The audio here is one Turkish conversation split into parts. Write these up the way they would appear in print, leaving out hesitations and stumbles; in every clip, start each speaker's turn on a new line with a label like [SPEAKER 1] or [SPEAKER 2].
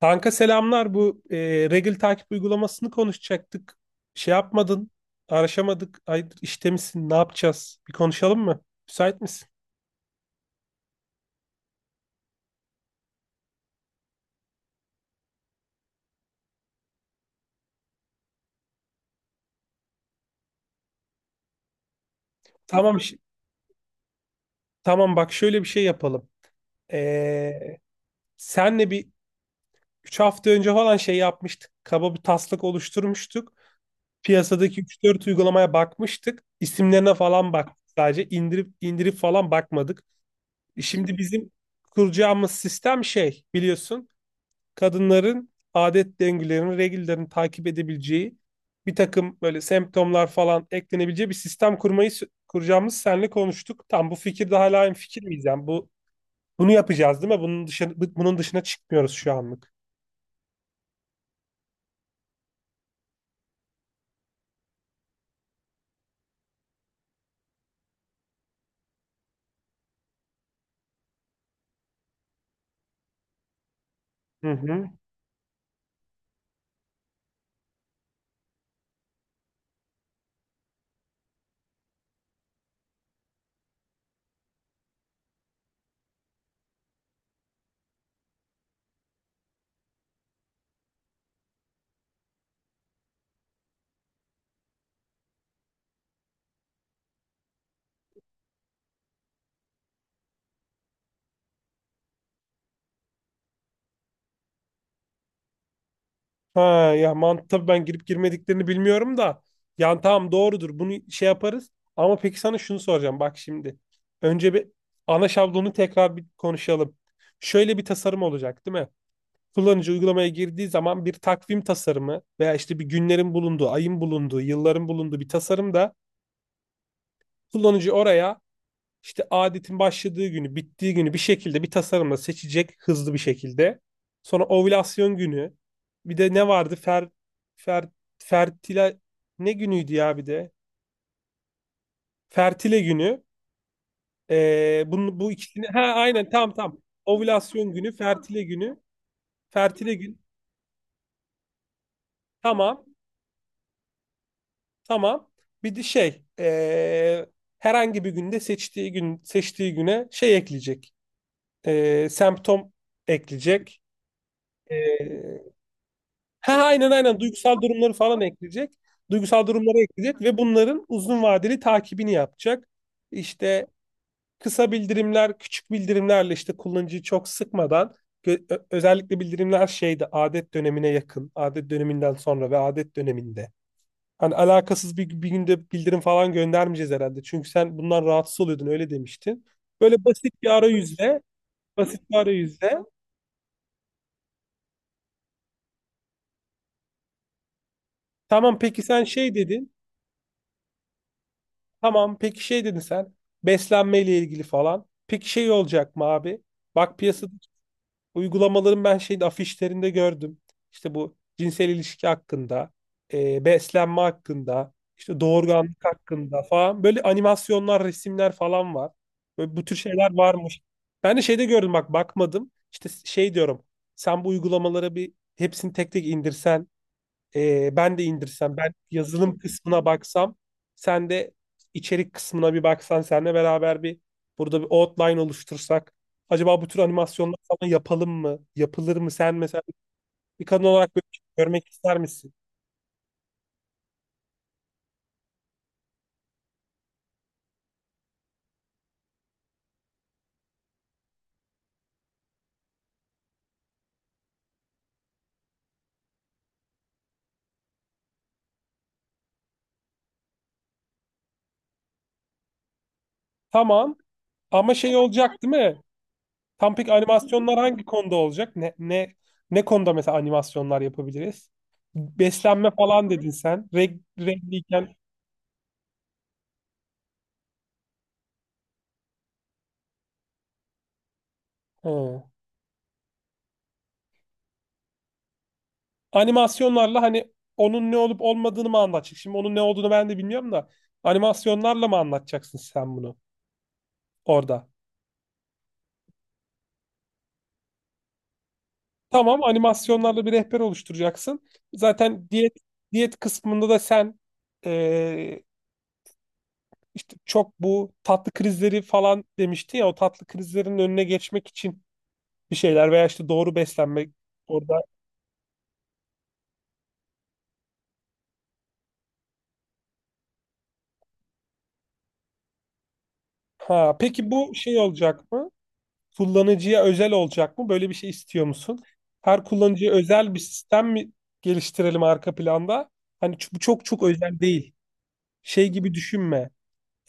[SPEAKER 1] Kanka selamlar. Bu regl takip uygulamasını konuşacaktık. Şey yapmadın, araşamadık. Hayırdır işte misin? Ne yapacağız? Bir konuşalım mı? Müsait misin? Tamam. Tamam bak şöyle bir şey yapalım. E, Senle bir 3 hafta önce falan şey yapmıştık. Kaba bir taslak oluşturmuştuk. Piyasadaki üç dört uygulamaya bakmıştık. İsimlerine falan baktık. Sadece indirip indirip falan bakmadık. Şimdi bizim kuracağımız sistem şey biliyorsun, kadınların adet döngülerini, regülerini takip edebileceği bir takım böyle semptomlar falan eklenebileceği bir sistem kuracağımız senle konuştuk. Tam bu fikirde hala aynı fikir miyiz? Yani bunu yapacağız değil mi? Bunun dışına, çıkmıyoruz şu anlık. Hı hı. Ha ya mantı tabii ben girip girmediklerini bilmiyorum da. Yani tamam doğrudur bunu şey yaparız. Ama peki sana şunu soracağım bak şimdi. Önce bir ana şablonu tekrar bir konuşalım. Şöyle bir tasarım olacak değil mi? Kullanıcı uygulamaya girdiği zaman bir takvim tasarımı veya işte bir günlerin bulunduğu, ayın bulunduğu, yılların bulunduğu bir tasarım da kullanıcı oraya işte adetin başladığı günü, bittiği günü bir şekilde bir tasarımla seçecek hızlı bir şekilde. Sonra ovülasyon günü. Bir de ne vardı? Fer, fertile ne günüydü ya bir de? Fertile günü. Bunu, bu ikisini ha aynen tam tam. Ovülasyon günü, fertile günü, fertile gün. Tamam. Tamam. Bir de şey herhangi bir günde seçtiği güne şey ekleyecek. Semptom ekleyecek. Eee ha aynen aynen duygusal durumları falan ekleyecek. Duygusal durumları ekleyecek ve bunların uzun vadeli takibini yapacak. İşte kısa bildirimler, küçük bildirimlerle işte kullanıcıyı çok sıkmadan özellikle bildirimler şeyde adet dönemine yakın, adet döneminden sonra ve adet döneminde. Hani alakasız bir günde bildirim falan göndermeyeceğiz herhalde. Çünkü sen bundan rahatsız oluyordun öyle demiştin. Böyle basit bir arayüzle. Tamam peki sen şey dedin. Tamam peki şey dedin sen. Beslenmeyle ilgili falan. Peki şey olacak mı abi? Bak piyasada uygulamaların ben şeyde afişlerinde gördüm. İşte bu cinsel ilişki hakkında, beslenme hakkında, işte doğurganlık hakkında falan. Böyle animasyonlar, resimler falan var. Böyle bu tür şeyler varmış. Ben de şeyde gördüm bak bakmadım. İşte şey diyorum. Sen bu uygulamalara bir hepsini tek tek indirsen ben de indirsem, ben yazılım kısmına baksam, sen de içerik kısmına bir baksan, seninle beraber bir burada bir outline oluştursak. Acaba bu tür animasyonlar falan yapalım mı? Yapılır mı? Sen mesela bir kadın olarak böyle bir şey görmek ister misin? Tamam. Ama şey olacak değil mi? Tam pek animasyonlar hangi konuda olacak? Ne konuda mesela animasyonlar yapabiliriz? Beslenme falan dedin sen. Regliyken. Ha. Animasyonlarla hani onun ne olup olmadığını mı anlatacak? Şimdi onun ne olduğunu ben de bilmiyorum da animasyonlarla mı anlatacaksın sen bunu orada? Tamam, animasyonlarla bir rehber oluşturacaksın. Zaten diyet kısmında da sen eee, işte çok bu tatlı krizleri falan demişti ya, o tatlı krizlerin önüne geçmek için bir şeyler veya işte doğru beslenmek orada. Ha, peki bu şey olacak mı? Kullanıcıya özel olacak mı? Böyle bir şey istiyor musun? Her kullanıcıya özel bir sistem mi geliştirelim arka planda? Hani bu çok çok özel değil. Şey gibi düşünme,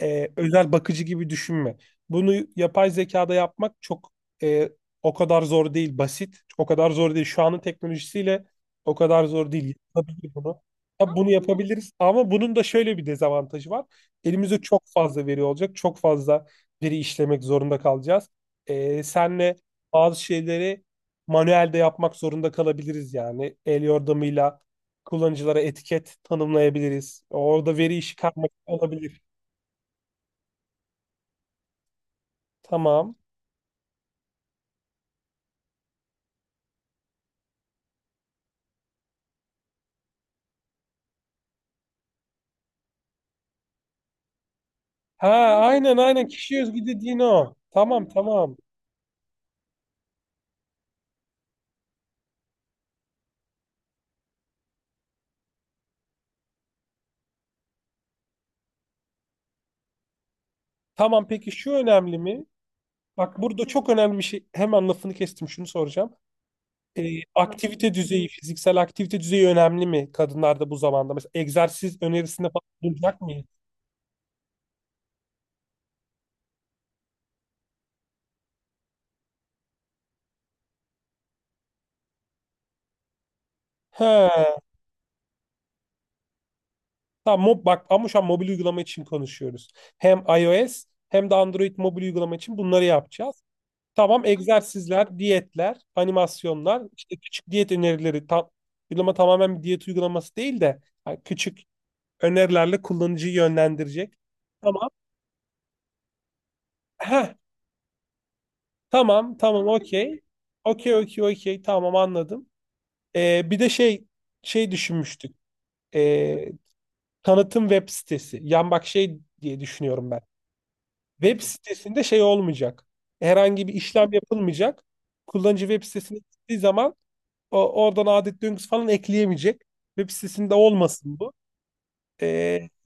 [SPEAKER 1] özel bakıcı gibi düşünme. Bunu yapay zekada yapmak çok e, o kadar zor değil, basit. O kadar zor değil. Şu anın teknolojisiyle o kadar zor değil. Yapabilir bunu. Ya bunu yapabiliriz ama bunun da şöyle bir dezavantajı var. Elimizde çok fazla veri olacak. Çok fazla veri işlemek zorunda kalacağız. Senle bazı şeyleri manuelde yapmak zorunda kalabiliriz yani. El yordamıyla kullanıcılara etiket tanımlayabiliriz. Orada veri işi karmaşık olabilir. Tamam. Ha aynen aynen kişi özgü dediğin o. Tamam tamam. Tamam peki şu önemli mi? Bak burada çok önemli bir şey. Hemen lafını kestim şunu soracağım. Aktivite düzeyi, fiziksel aktivite düzeyi önemli mi kadınlarda bu zamanda? Mesela egzersiz önerisinde falan bulunacak mıyız? Ha, tamam bak ama şu an mobil uygulama için konuşuyoruz. Hem iOS hem de Android mobil uygulama için bunları yapacağız. Tamam egzersizler, diyetler, animasyonlar, işte küçük diyet önerileri, tam uygulama tamamen bir diyet uygulaması değil de yani küçük önerilerle kullanıcıyı yönlendirecek. Tamam. Heh, tamam, tamam, okey. Okey, okey, okey. Tamam anladım. Bir de şey düşünmüştük. Ee, Tanıtım web sitesi. Yan bak şey diye düşünüyorum ben. Web sitesinde şey olmayacak. Herhangi bir işlem yapılmayacak. Kullanıcı web sitesine gittiği zaman oradan adet döngüsü falan ekleyemeyecek. Web sitesinde olmasın bu. Ee,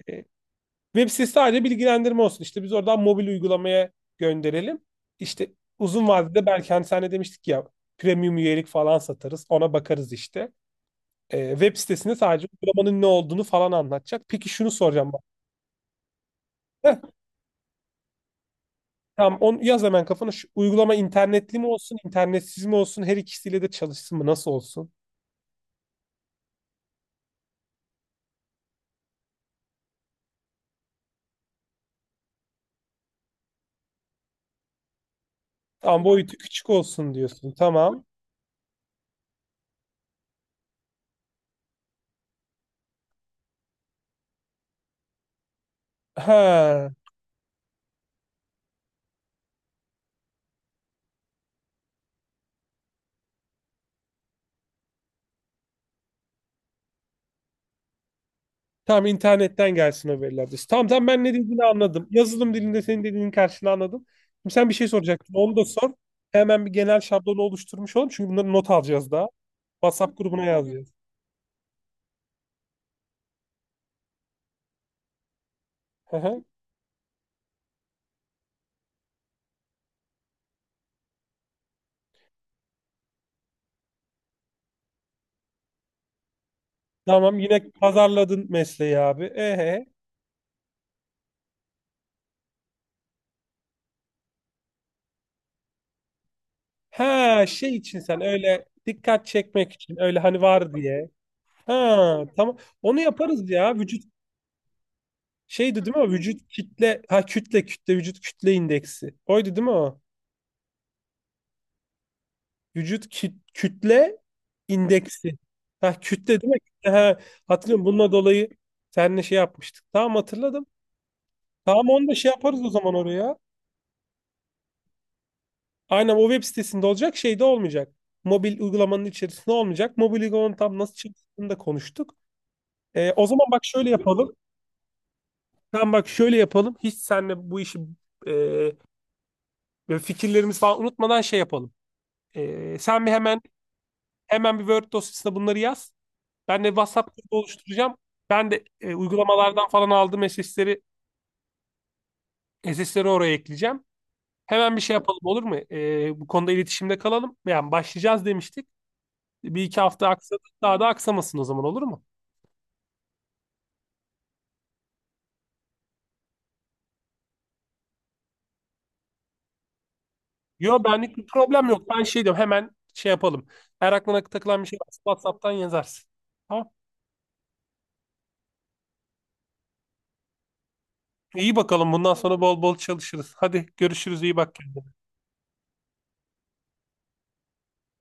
[SPEAKER 1] e, web sitesi sadece bilgilendirme olsun. İşte biz oradan mobil uygulamaya gönderelim. İşte uzun vadede belki hani sen de demiştik ya, premium üyelik falan satarız. Ona bakarız işte. Web sitesinde sadece uygulamanın ne olduğunu falan anlatacak. Peki şunu soracağım bak. Heh, tamam onu yaz hemen kafana. Şu uygulama internetli mi olsun, internetsiz mi olsun? Her ikisiyle de çalışsın mı? Nasıl olsun? Tamam boyutu küçük olsun diyorsun. Tamam. Ha. Tamam internetten gelsin haberler diyorsun. Tamam tamam ben ne dediğini anladım. Yazılım dilinde senin dediğinin karşılığını anladım. Şimdi sen bir şey soracaktın. Onu da sor. Hemen bir genel şablonu oluşturmuş olalım. Çünkü bunları not alacağız daha. WhatsApp grubuna yazacağız. Hı hı. Tamam yine pazarladın mesleği abi. Ehe. Ha şey için sen öyle dikkat çekmek için öyle hani var diye. Ha tamam. Onu yaparız ya. Vücut şeydi değil mi o? Vücut kütle ha kütle kütle vücut kütle indeksi. Oydu değil mi o? Vücut kütle indeksi. Ha, kütle değil mi? Kütle, ha, hatırlıyorum. Bununla dolayı seninle şey yapmıştık. Tamam hatırladım. Tamam onu da şey yaparız o zaman oraya. Aynen o web sitesinde olacak, şey de olmayacak. Mobil uygulamanın içerisinde olmayacak. Mobil uygulamanın tam nasıl çalıştığını da konuştuk. O zaman bak şöyle yapalım. Tamam bak şöyle yapalım. Hiç seninle bu işi e, böyle fikirlerimizi falan unutmadan şey yapalım. Sen bir hemen hemen bir Word dosyasına bunları yaz. Ben de WhatsApp grubu oluşturacağım. Ben de uygulamalardan falan aldığım SS'leri oraya ekleyeceğim. Hemen bir şey yapalım olur mu? Bu konuda iletişimde kalalım. Yani başlayacağız demiştik. Bir iki hafta aksadı. Daha da aksamasın o zaman olur mu? Yo benlik bir problem yok. Ben şey diyorum hemen şey yapalım. Eğer aklına takılan bir şey varsa WhatsApp'tan yazarsın. Tamam. İyi bakalım bundan sonra bol bol çalışırız. Hadi görüşürüz, iyi bak kendine.